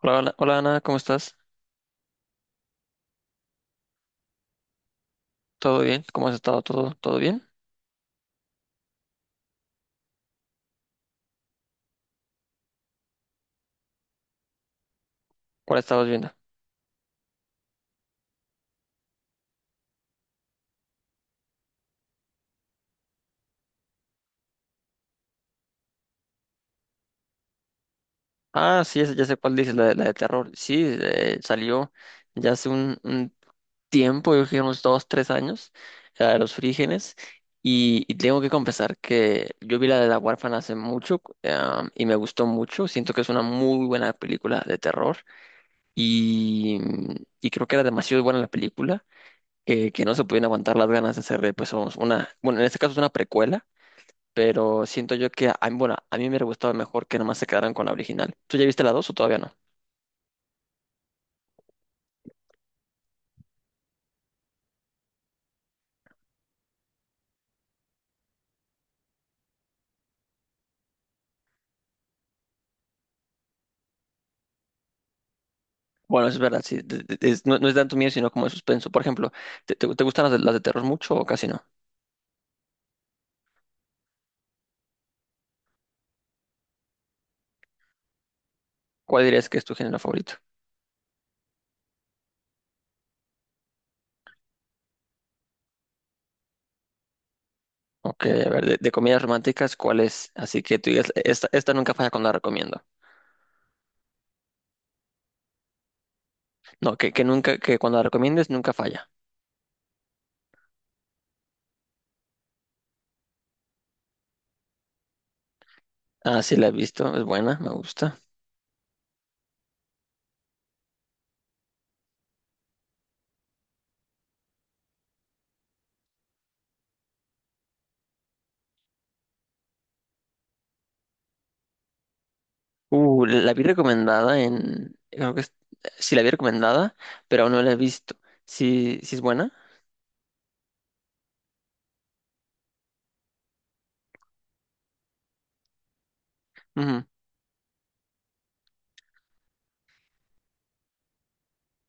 Hola, hola, hola, Ana, ¿cómo estás? ¿Todo bien? ¿Cómo has estado? ¿Todo bien? ¿Cuál estabas viendo? Ah, sí, ya sé cuál dices, la de terror. Sí, salió ya hace un tiempo, yo creo que unos dos, tres años, la de los frígenes. Y tengo que confesar que yo vi la de La Huérfana hace mucho, y me gustó mucho. Siento que es una muy buena película de terror y, y creo que era demasiado buena la película. Que no se podían aguantar las ganas de hacerle, pues, una, bueno, en este caso es una precuela, pero siento yo que, bueno, a mí me hubiera gustado mejor que nomás se quedaran con la original. ¿Tú ya viste la dos o todavía no? Bueno, es verdad, sí, no, no es tanto miedo, sino como de suspenso. Por ejemplo, ¿te, te gustan las de terror mucho o casi no? ¿Cuál dirías que es tu género favorito? Ok, a ver, de comedias románticas, ¿cuál es? Así que tú digas, esta nunca falla cuando la recomiendo. No, que nunca, que cuando la recomiendes nunca falla. Ah, sí, la he visto, es buena, me gusta. La vi recomendada en, creo que sí la vi recomendada, pero aún no la he visto. Sí, sí es buena. Ujú.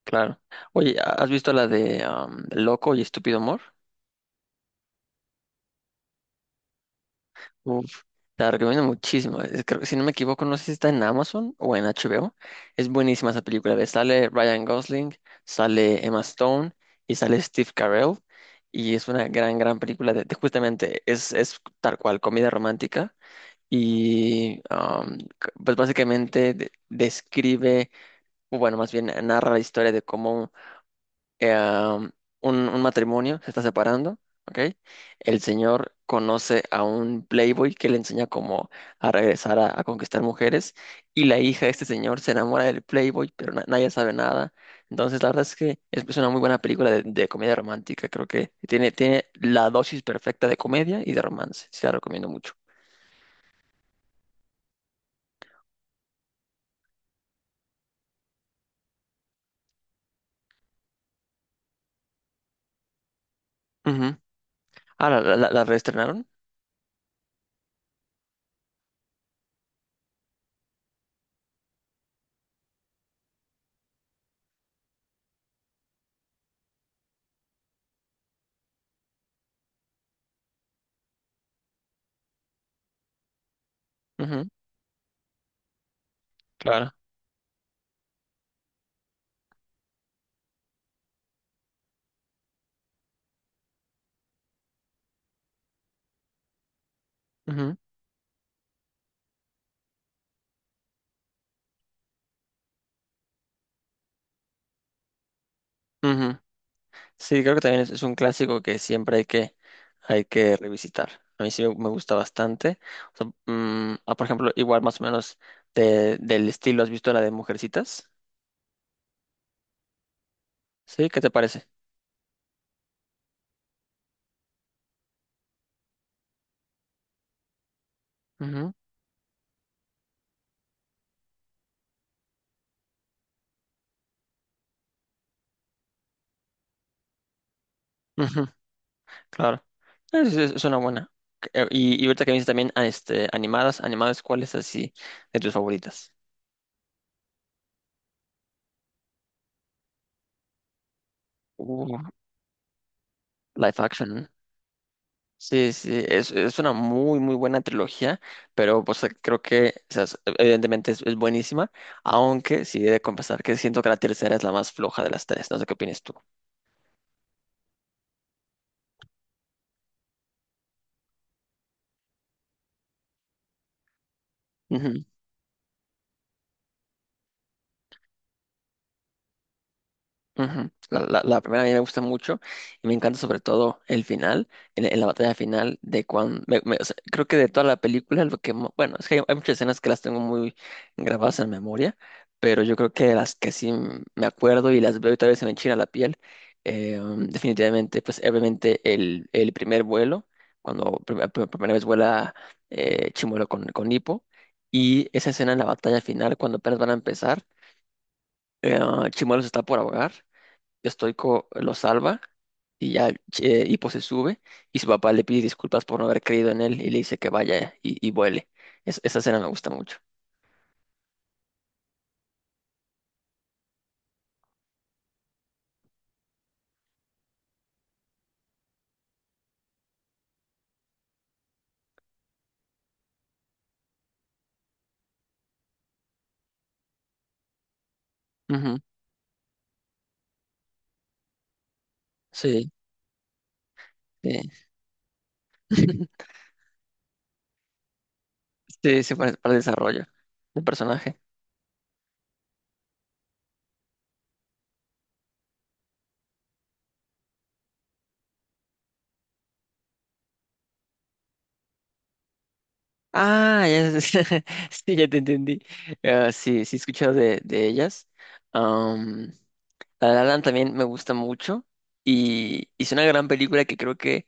Claro. Oye, ¿has visto la de Loco y Estúpido Amor? Uf, te la recomiendo muchísimo. Creo que si no me equivoco, no sé si está en Amazon o en HBO. Es buenísima esa película. Ve, Sale Ryan Gosling, sale Emma Stone y sale Steve Carell. Y es una gran, gran película de justamente, es tal cual, comedia romántica. Y pues básicamente describe, o bueno, más bien narra la historia de cómo eh, um, un matrimonio se está separando, ¿ok? El señor conoce a un playboy que le enseña cómo a regresar a conquistar mujeres y la hija de este señor se enamora del playboy, pero nadie sabe nada. Entonces, la verdad es que es una muy buena película de comedia romántica. Creo que tiene, tiene la dosis perfecta de comedia y de romance. Sí, la recomiendo mucho. Ujú. Ah, ¿la, la, la reestrenaron? Ujú. Claro. Ujú, ujú. Sí, creo que también es un clásico que siempre hay que revisitar. A mí sí me gusta bastante. O sea, por ejemplo, igual más o menos del estilo, ¿has visto la de Mujercitas? ¿Sí? ¿Qué te parece? Ujú, ujú, claro. Es una buena. Y ahorita que me dices también animadas, animadas, ¿cuál es así de tus favoritas? Uh, live action. Sí, sí, es una muy, muy buena trilogía, pero pues creo que, o sea, evidentemente es buenísima, aunque sí he de confesar que siento que la tercera es la más floja de las tres, no sé qué opinas tú. Ujú. La primera a mí me gusta mucho y me encanta sobre todo el final, en la batalla final de cuando, o sea, creo que de toda la película, lo que, bueno, es que hay muchas escenas que las tengo muy grabadas en memoria, pero yo creo que las que sí me acuerdo y las veo y tal vez se me enchina la piel, definitivamente, pues obviamente el primer vuelo, cuando por primera vez vuela Chimuelo con Hippo, y esa escena en la batalla final, cuando apenas van a empezar, eh, Chimuelo se está por ahogar, Stoico lo salva y ya, Hipo se sube y su papá le pide disculpas por no haber creído en él y le dice que vaya y vuele. Esa escena me gusta mucho. Ujú. Sí, sí. Sí, sí, para el desarrollo del personaje. Ah, ya, sí, ya te entendí. Ah, sí, sí, he escuchado de ellas. Am, La La Land también me gusta mucho y hizo una gran película que creo que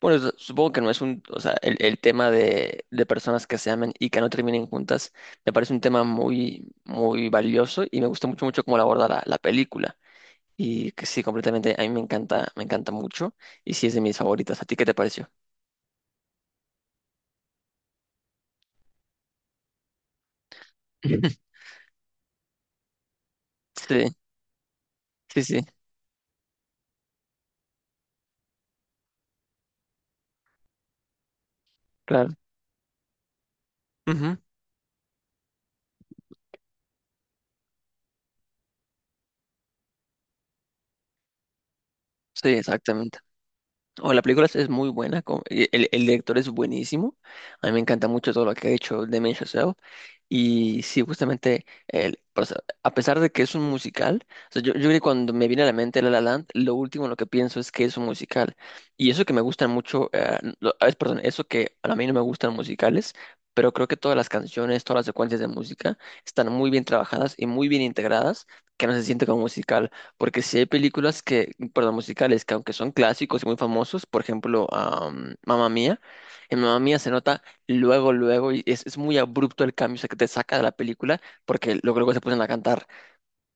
bueno, supongo que no es un, o sea, el tema de personas que se amen y que no terminen juntas, me parece un tema muy, muy valioso y me gusta mucho, mucho cómo lo aborda la, la película. Y que sí, completamente, a mí me encanta mucho y sí es de mis favoritas. ¿A ti qué te pareció? Sí, sí, sí, claro. Ujú. Sí, exactamente. O la película es muy buena, el director es buenísimo, a mí me encanta mucho todo lo que ha hecho Damien Chazelle y sí, justamente, el, o sea, a pesar de que es un musical, o sea, yo creo que cuando me viene a la mente La La Land, lo último en lo que pienso es que es un musical y eso que me gustan mucho, perdón, eso que a mí no me gustan musicales, pero creo que todas las canciones, todas las secuencias de música están muy bien trabajadas y muy bien integradas, que no se siente como musical. Porque sí hay películas que, perdón, musicales, que aunque son clásicos y muy famosos, por ejemplo, Mamma Mía, en Mamma Mía se nota luego, luego, y es muy abrupto el cambio, o sea, que te saca de la película, porque luego, luego se ponen a cantar.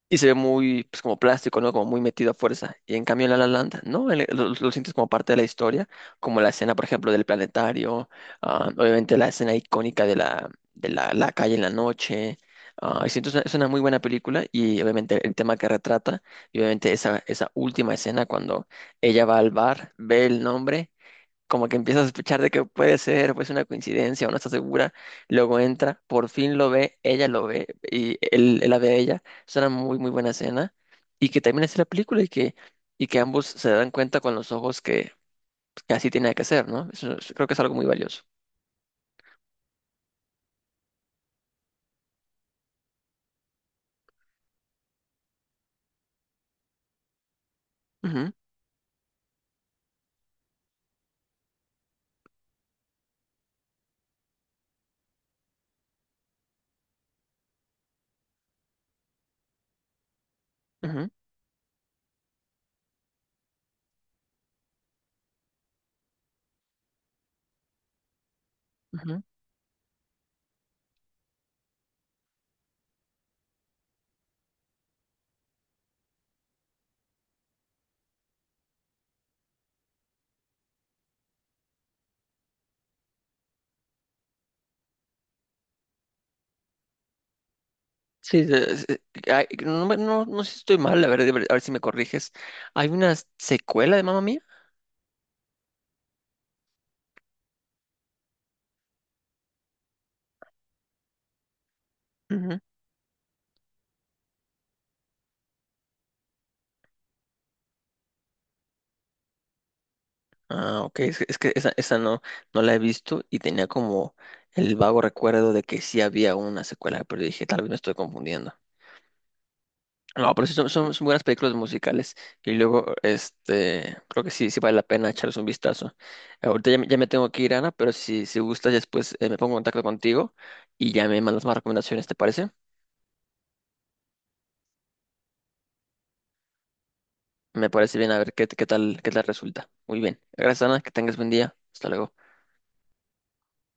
Y se ve muy, pues como plástico, ¿no? Como muy metido a fuerza. Y en cambio en La La Land, ¿no? Lo sientes como parte de la historia, como la escena, por ejemplo, del planetario, ah, obviamente la escena icónica de la, la calle en la noche. Ah, y siento, es una muy buena película y obviamente el tema que retrata, y obviamente esa, esa última escena cuando ella va al bar, ve el nombre, como que empieza a sospechar de que puede ser, pues una coincidencia o no está segura, luego entra, por fin lo ve, ella lo ve y él la ve a ella, es una muy muy buena escena y que termina así la película y que ambos se dan cuenta con los ojos que así tiene que ser, ¿no? Creo que es algo muy valioso. Ujú, ujú, ujú. Sí, ay, no, no, no sé si estoy mal, a ver si me corriges. ¿Hay una secuela de Mamma Mía? Ah, ok, es que esa no, no la he visto y tenía como el vago recuerdo de que sí había una secuela, pero dije, tal vez me estoy confundiendo. No, pero sí son, son, son buenas películas musicales y luego, este, creo que sí, sí vale la pena echarles un vistazo. Ahorita ya me tengo que ir, Ana, pero si, si gustas después, me pongo en contacto contigo y ya me mandas más recomendaciones, ¿te parece? Me parece bien, a ver qué, qué tal resulta. Muy bien. Gracias, Ana, que tengas buen día. Hasta luego.